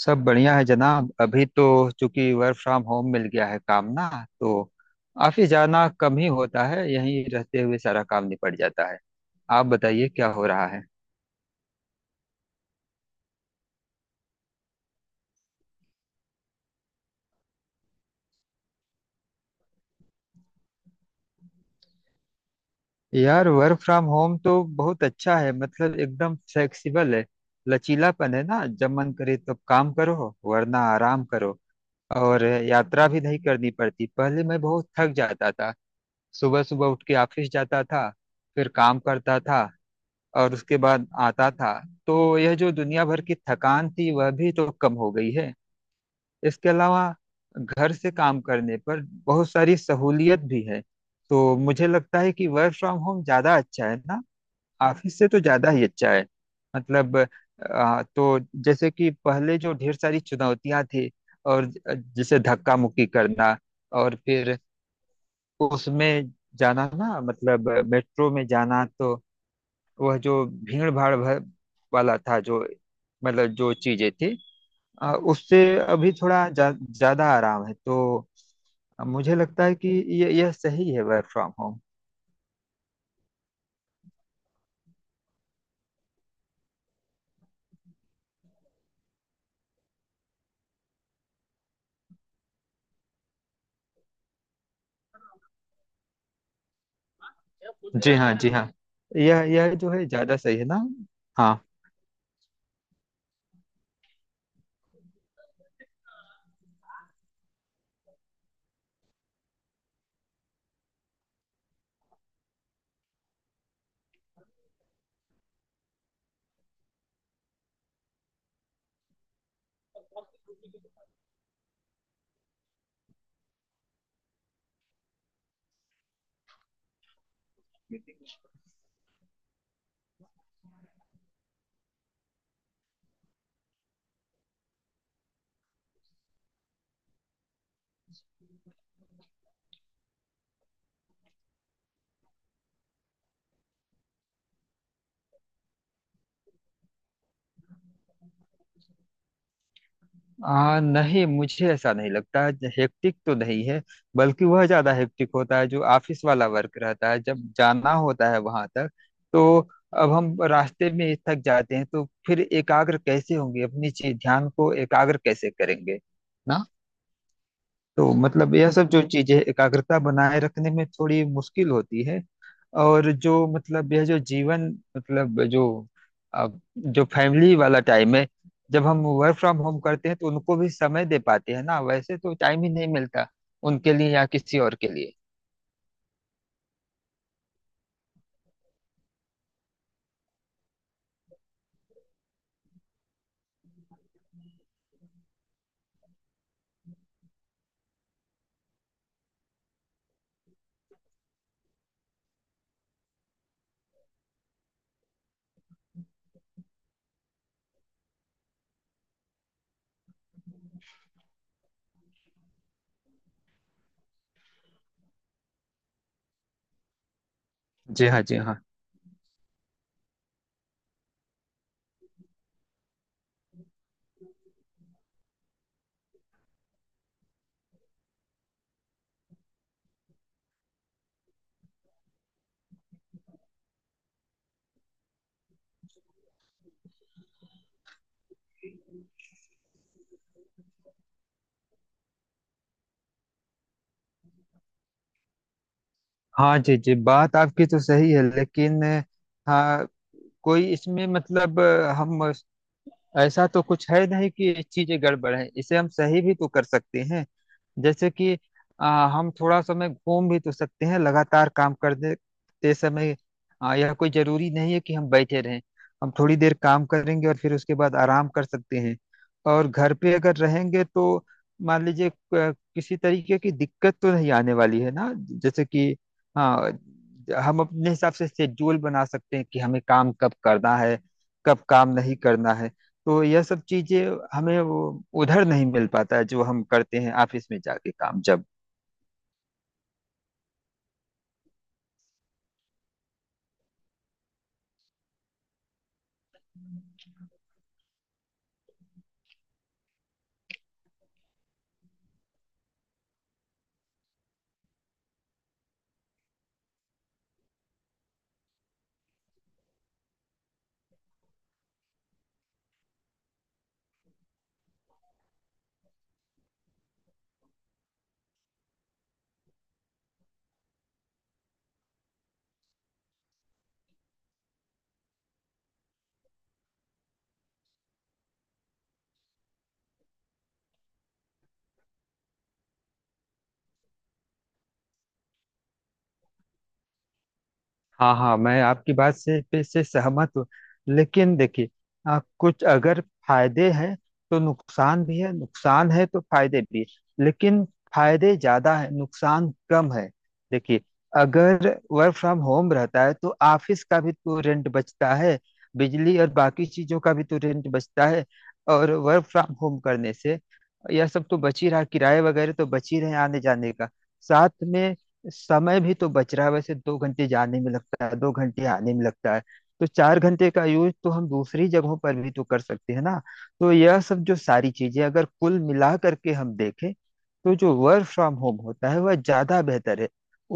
सब बढ़िया है जनाब। अभी तो चूंकि वर्क फ्रॉम होम मिल गया है काम ना, तो ऑफिस जाना कम ही होता है, यहीं रहते हुए सारा काम निपट जाता है। आप बताइए क्या हो रहा है। यार वर्क फ्रॉम होम तो बहुत अच्छा है, मतलब एकदम फ्लेक्सिबल है। लचीलापन है ना, जब मन करे तब काम करो वरना आराम करो। और यात्रा भी नहीं करनी पड़ती, पहले मैं बहुत थक जाता था। सुबह सुबह उठ के ऑफिस जाता था, फिर काम करता था और उसके बाद आता था। तो यह जो दुनिया भर की थकान थी वह भी तो कम हो गई है। इसके अलावा घर से काम करने पर बहुत सारी सहूलियत भी है। तो मुझे लगता है कि वर्क फ्रॉम होम ज्यादा अच्छा है ना, ऑफिस से तो ज्यादा ही अच्छा है। मतलब तो जैसे कि पहले जो ढेर सारी चुनौतियां थी, और जैसे धक्का मुक्की करना और फिर उसमें जाना ना, मतलब मेट्रो में जाना, तो वह जो भीड़ भाड़ भर वाला था, जो मतलब जो चीजें थी, उससे अभी थोड़ा ज्यादा आराम है। तो मुझे लगता है कि ये यह सही है वर्क फ्रॉम होम। जी हाँ, जी हाँ। यह जो है ज्यादा सही है ना। हाँ। नहीं, मुझे ऐसा नहीं लगता। हेक्टिक तो नहीं है, बल्कि वह ज्यादा हेक्टिक होता है जो ऑफिस वाला वर्क रहता है, जब जाना होता है वहां तक। तो अब हम रास्ते में थक जाते हैं तो फिर एकाग्र कैसे होंगे, अपनी चीज ध्यान को एकाग्र कैसे करेंगे ना। तो मतलब यह सब जो चीजें एकाग्रता बनाए रखने में थोड़ी मुश्किल होती है। और जो मतलब यह जो जीवन मतलब जो अब जो फैमिली वाला टाइम है, जब हम वर्क फ्रॉम होम करते हैं तो उनको भी समय दे पाते हैं ना, वैसे तो टाइम ही नहीं मिलता उनके लिए या किसी और के लिए। जी हाँ, जी हाँ। हाँ जी जी, बात आपकी तो सही है, लेकिन हाँ कोई इसमें मतलब हम, ऐसा तो कुछ है नहीं कि ये चीजें गड़बड़ है, इसे हम सही भी तो कर सकते हैं। जैसे कि हम थोड़ा समय घूम भी तो सकते हैं लगातार काम करते समय। यह कोई जरूरी नहीं है कि हम बैठे रहें। हम थोड़ी देर काम करेंगे और फिर उसके बाद आराम कर सकते हैं। और घर पे अगर रहेंगे तो मान लीजिए किसी तरीके की दिक्कत तो नहीं आने वाली है ना। जैसे कि हाँ, हम अपने हिसाब से शेड्यूल बना सकते हैं कि हमें काम कब करना है, कब काम नहीं करना है। तो यह सब चीजें हमें वो उधर नहीं मिल पाता है जो हम करते हैं ऑफिस में जाके काम जब। हाँ हाँ, मैं आपकी बात से पे से सहमत हूँ। लेकिन देखिए, कुछ अगर फायदे हैं तो नुकसान भी है, नुकसान है तो फायदे भी है, लेकिन फायदे ज्यादा है नुकसान कम है। देखिए, अगर वर्क फ्रॉम होम रहता है तो ऑफिस का भी तो रेंट बचता है, बिजली और बाकी चीजों का भी तो रेंट बचता है। और वर्क फ्रॉम होम करने से यह सब तो बच ही रहा, किराए वगैरह तो बच ही रहे, आने जाने का साथ में समय भी तो बच रहा है। वैसे दो घंटे जाने में लगता है, दो घंटे आने में लगता है, तो चार घंटे का यूज तो हम दूसरी जगहों पर भी तो कर सकते हैं ना। तो यह सब जो सारी चीजें अगर कुल मिला करके हम देखें, तो जो वर्क फ्रॉम होम होता है वह ज्यादा बेहतर है,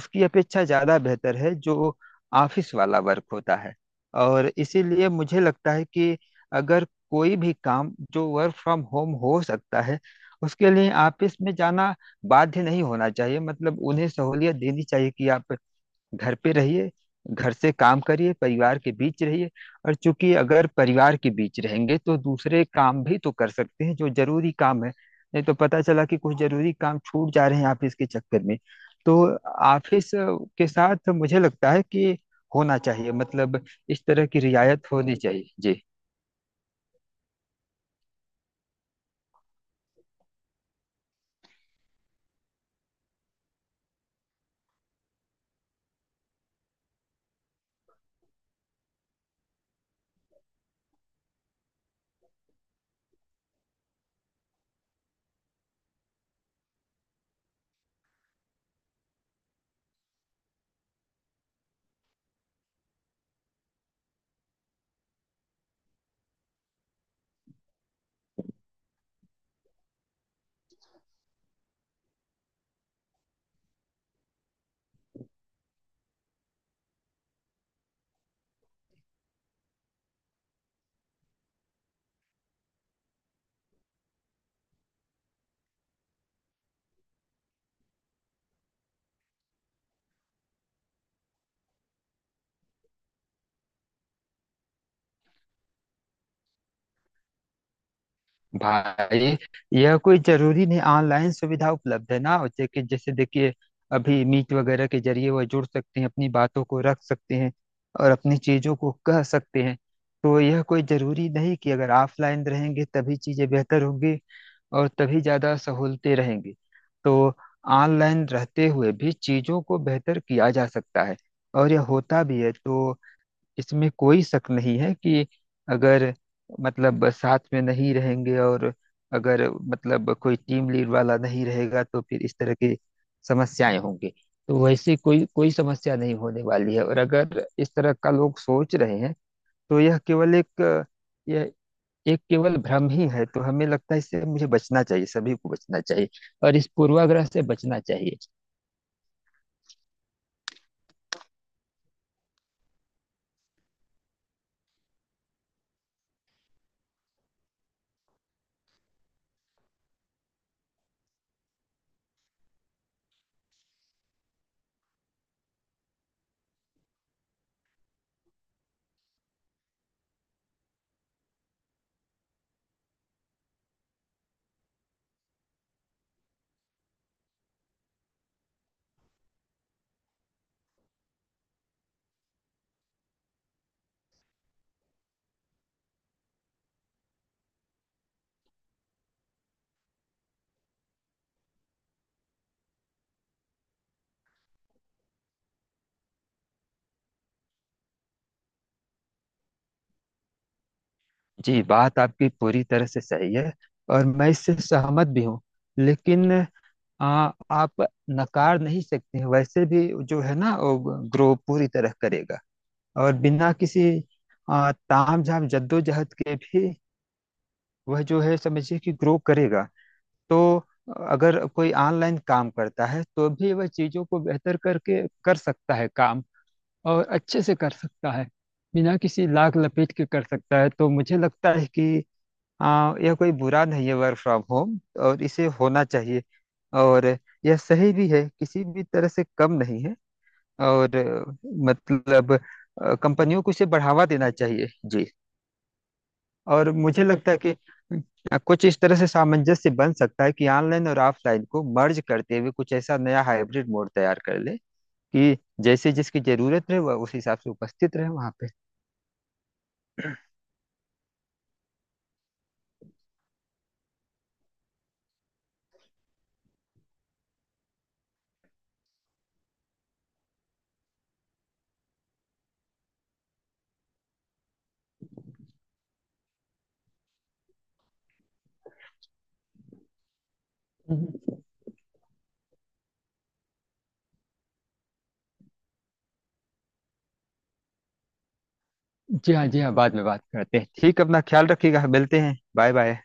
उसकी अपेक्षा ज्यादा बेहतर है जो ऑफिस वाला वर्क होता है। और इसीलिए मुझे लगता है कि अगर कोई भी काम जो वर्क फ्रॉम होम हो सकता है उसके लिए ऑफिस में जाना बाध्य नहीं होना चाहिए, मतलब उन्हें सहूलियत देनी चाहिए कि आप घर पे रहिए, घर से काम करिए, परिवार के बीच रहिए। और चूंकि अगर परिवार के बीच रहेंगे तो दूसरे काम भी तो कर सकते हैं जो जरूरी काम है। नहीं तो पता चला कि कुछ जरूरी काम छूट जा रहे हैं ऑफिस के चक्कर में। तो ऑफिस के साथ मुझे लगता है कि होना चाहिए, मतलब इस तरह की रियायत होनी चाहिए जी। भाई, यह कोई जरूरी नहीं, ऑनलाइन सुविधा उपलब्ध है ना, और जैसे कि जैसे देखिए अभी मीट वगैरह के जरिए वह जुड़ सकते हैं, अपनी बातों को रख सकते हैं और अपनी चीजों को कह सकते हैं। तो यह कोई जरूरी नहीं कि अगर ऑफलाइन रहेंगे तभी चीजें बेहतर होंगी और तभी ज्यादा सहूलतें रहेंगी। तो ऑनलाइन रहते हुए भी चीजों को बेहतर किया जा सकता है, और यह होता भी है। तो इसमें कोई शक नहीं है कि अगर मतलब साथ में नहीं रहेंगे और अगर मतलब कोई टीम लीड वाला नहीं रहेगा तो फिर इस तरह की समस्याएं होंगी। तो वैसे कोई कोई समस्या नहीं होने वाली है, और अगर इस तरह का लोग सोच रहे हैं तो यह केवल एक, यह एक केवल भ्रम ही है। तो हमें लगता है इससे मुझे बचना चाहिए, सभी को बचना चाहिए और इस पूर्वाग्रह से बचना चाहिए। जी, बात आपकी पूरी तरह से सही है और मैं इससे सहमत भी हूँ। लेकिन आप नकार नहीं सकते हैं, वैसे भी जो है ना वो ग्रो पूरी तरह करेगा। और बिना किसी तामझाम जद्दोजहद के भी वह जो है, समझिए कि ग्रो करेगा। तो अगर कोई ऑनलाइन काम करता है तो भी वह चीजों को बेहतर करके कर सकता है काम, और अच्छे से कर सकता है, बिना किसी लाग लपेट के कर सकता है। तो मुझे लगता है कि यह कोई बुरा नहीं है वर्क फ्रॉम होम, और इसे होना चाहिए। और यह सही भी है, किसी भी तरह से कम नहीं है। और मतलब कंपनियों को इसे बढ़ावा देना चाहिए जी। और मुझे लगता है कि कुछ इस तरह से सामंजस्य बन सकता है कि ऑनलाइन और ऑफलाइन को मर्ज करते हुए कुछ ऐसा नया हाइब्रिड मोड तैयार कर ले कि जैसे जिसकी जरूरत रहे वह उस हिसाब से उपस्थित रहे वहां पे। जी हाँ, जी हाँ, बाद में बात करते हैं, ठीक, अपना ख्याल रखिएगा, मिलते हैं, बाय बाय।